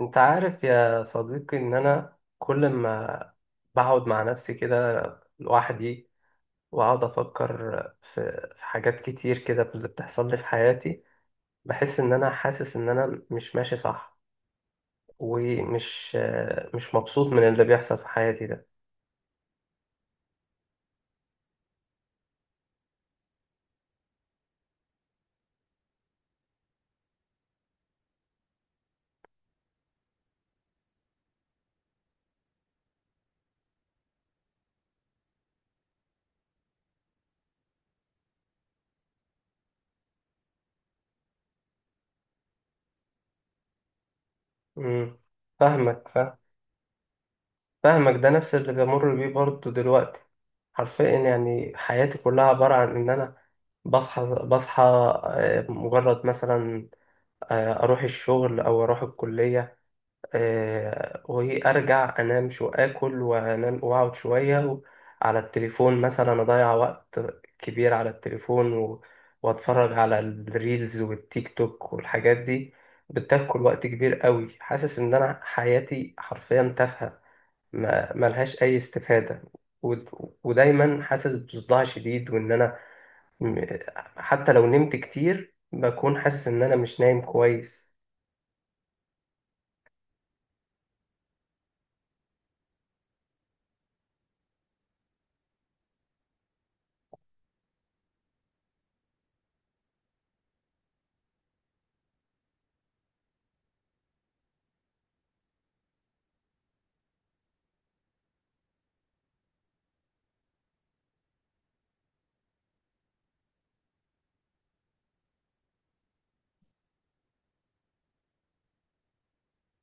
انت عارف يا صديقي ان انا كل ما بقعد مع نفسي كده، لوحدي، واقعد افكر في حاجات كتير كده اللي بتحصل لي في حياتي. بحس ان انا حاسس ان انا مش ماشي صح. ومش مش مبسوط من اللي بيحصل في حياتي ده. امم فاهمك، فاهم. فاهمك، ده نفس اللي بمر بيه برضه دلوقتي. حرفيا يعني حياتي كلها عبارة عن ان انا بصحى، مجرد مثلا، اروح الشغل او اروح الكليه، وارجع انام. شو اكل وانام واقعد شويه على التليفون، مثلا اضيع وقت كبير على التليفون واتفرج على الريلز والتيك توك والحاجات دي. بتاكل وقت كبير قوي. حاسس ان انا حياتي حرفيا تافهه، ما ملهاش اي استفاده. و... ودايما حاسس بصداع شديد، وان انا م- حتى لو نمت كتير بكون حاسس ان انا مش نايم كويس.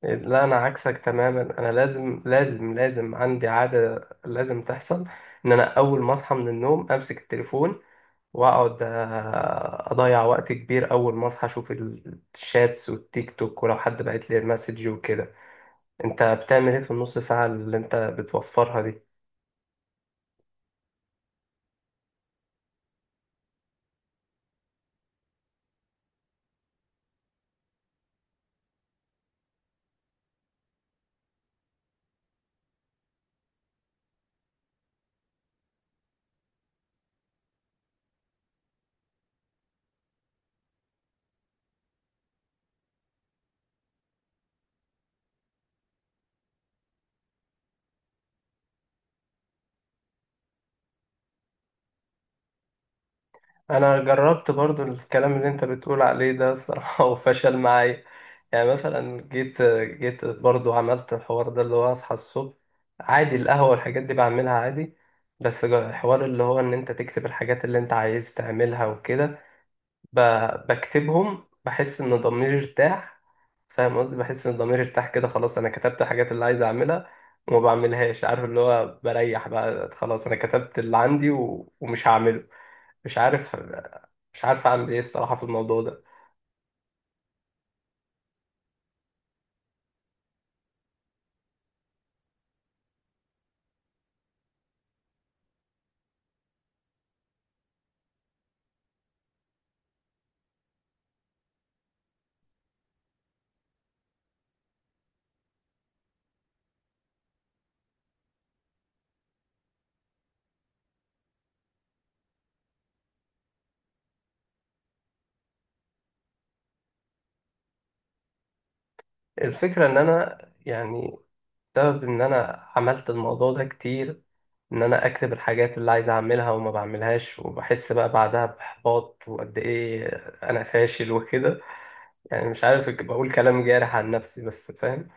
لا، انا عكسك تماما. انا لازم عندي عاده لازم تحصل، ان انا اول ما اصحى من النوم امسك التليفون. واقعد اضيع وقت كبير. اول ما اصحى اشوف الشاتس والتيك توك، ولو حد بعت لي مسج وكده. انت بتعمل ايه في النص ساعه اللي انت بتوفرها دي؟ انا جربت برضو الكلام اللي انت بتقول عليه ده الصراحة وفشل معايا. يعني مثلا جيت برضو عملت الحوار ده اللي هو اصحى الصبح عادي، القهوة والحاجات دي بعملها عادي. بس الحوار اللي هو ان انت تكتب الحاجات اللي انت عايز تعملها وكده، بكتبهم بحس ان ضميري ارتاح. فاهم قصدي؟ بحس ان ضميري ارتاح كده، خلاص انا كتبت الحاجات اللي عايز اعملها، وما بعملهاش. عارف اللي هو بريح بقى، خلاص انا كتبت اللي عندي ومش هعمله. مش عارف. مش عارف اعمل ايه الصراحه في الموضوع ده. الفكره ان انا يعني بسبب ان انا عملت الموضوع ده كتير، ان انا اكتب الحاجات اللي عايز اعملها وما بعملهاش، وبحس بقى بعدها باحباط وقد ايه انا فاشل وكده. يعني مش عارف، بقول كلام جارح عن نفسي بس فاهم.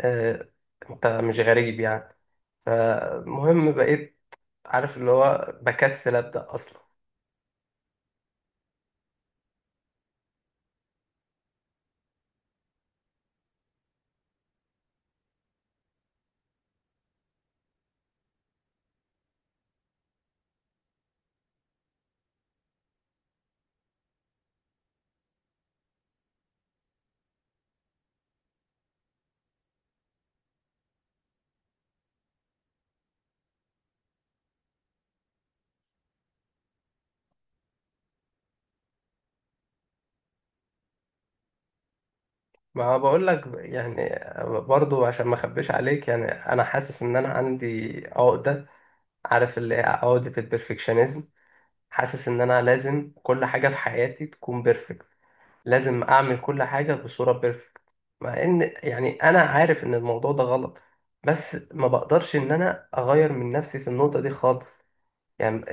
آه. انت مش غريب يعني. فالمهم بقيت، عارف اللي هو، بكسل ابدا اصلا. ما بقول لك يعني، برضو عشان ما اخبيش عليك، يعني انا حاسس ان انا عندي عقدة. عارف اللي هي عقدة البرفكشنزم. حاسس ان انا لازم كل حاجة في حياتي تكون بيرفكت، لازم اعمل كل حاجة بصورة بيرفكت. مع ان يعني انا عارف ان الموضوع ده غلط، بس ما بقدرش ان انا اغير من نفسي في النقطة دي خالص. يعني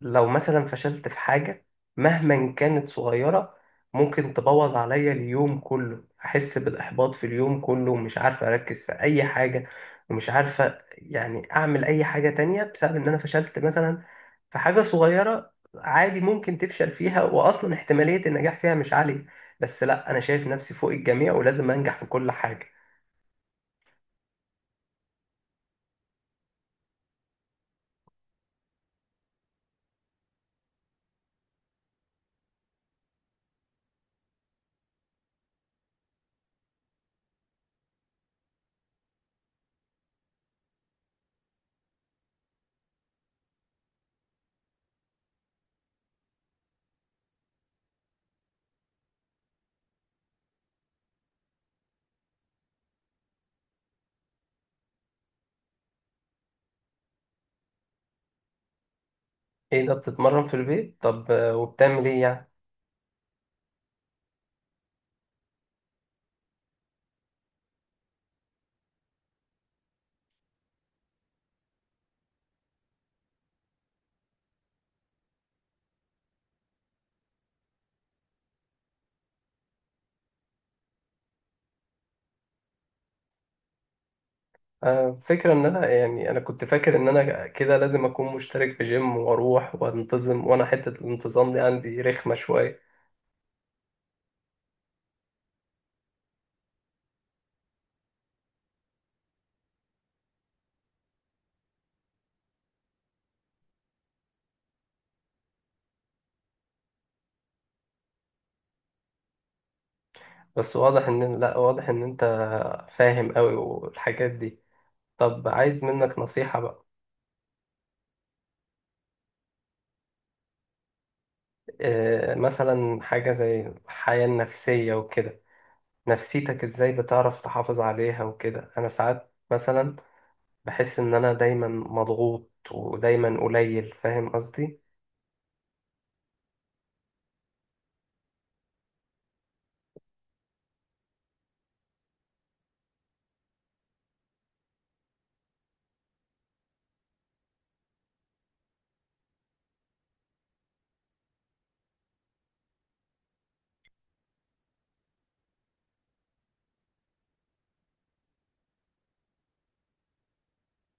لو مثلا فشلت في حاجة مهما كانت صغيرة، ممكن تبوظ عليا اليوم كله. احس بالاحباط في اليوم كله ومش عارفة اركز في اي حاجة، ومش عارفة يعني اعمل اي حاجة تانية بسبب ان انا فشلت مثلا. فحاجة صغيرة عادي ممكن تفشل فيها وأصلا احتمالية النجاح فيها مش عالية، بس لا، أنا شايف نفسي فوق الجميع ولازم أنجح في كل حاجة. إيه ده، بتتمرن في البيت؟ طب وبتعمل إيه يعني؟ فكرة إن أنا، يعني أنا كنت فاكر إن أنا كده لازم أكون مشترك في جيم وأروح وأنتظم، وأنا حتة الانتظام دي عندي رخمة شوية. بس واضح إن، لأ، واضح إن أنت فاهم أوي والحاجات دي. طب عايز منك نصيحة بقى. مثلا حاجة زي الحياة النفسية وكده، نفسيتك ازاي بتعرف تحافظ عليها وكده؟ انا ساعات مثلا بحس ان انا دايما مضغوط ودايما قليل، فاهم قصدي؟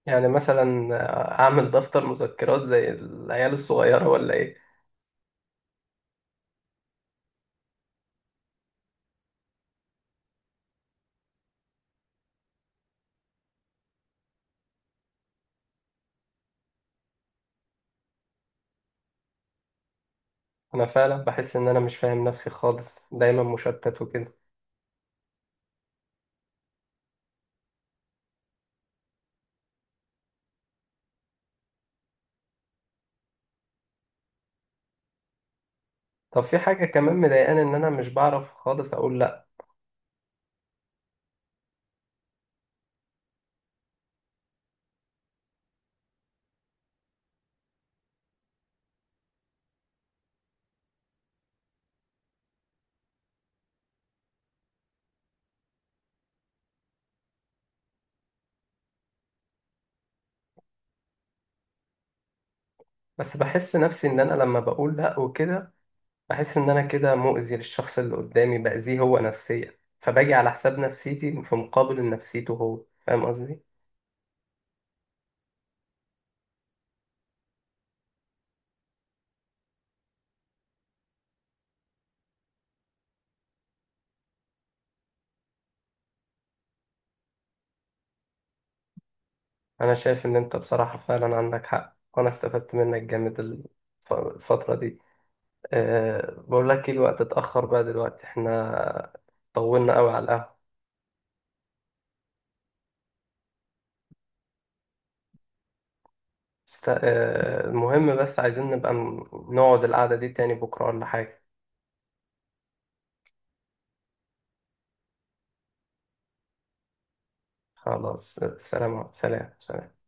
يعني مثلا اعمل دفتر مذكرات زي العيال الصغيرة ولا ايه؟ انا فعلا بحس ان انا مش فاهم نفسي خالص، دايما مشتت وكده. طب في حاجة كمان مضايقاني، ان انا مش بعرف خالص اقول لا. بس بحس نفسي ان انا لما بقول لا وكده، بحس ان انا كده مؤذي للشخص اللي قدامي، باذيه هو نفسيا، فباجي على حساب نفسيتي في مقابل نفسيته هو، فاهم قصدي؟ انا شايف ان انت بصراحه فعلا عندك حق، وانا استفدت منك جامد الفتره دي. أه، بقول لك ايه، الوقت اتاخر بقى دلوقتي، احنا طولنا قوي على القهوه. أه، المهم، بس عايزين نبقى نقعد القعده دي تاني بكره ولا حاجه؟ خلاص، سلام سلام سلام.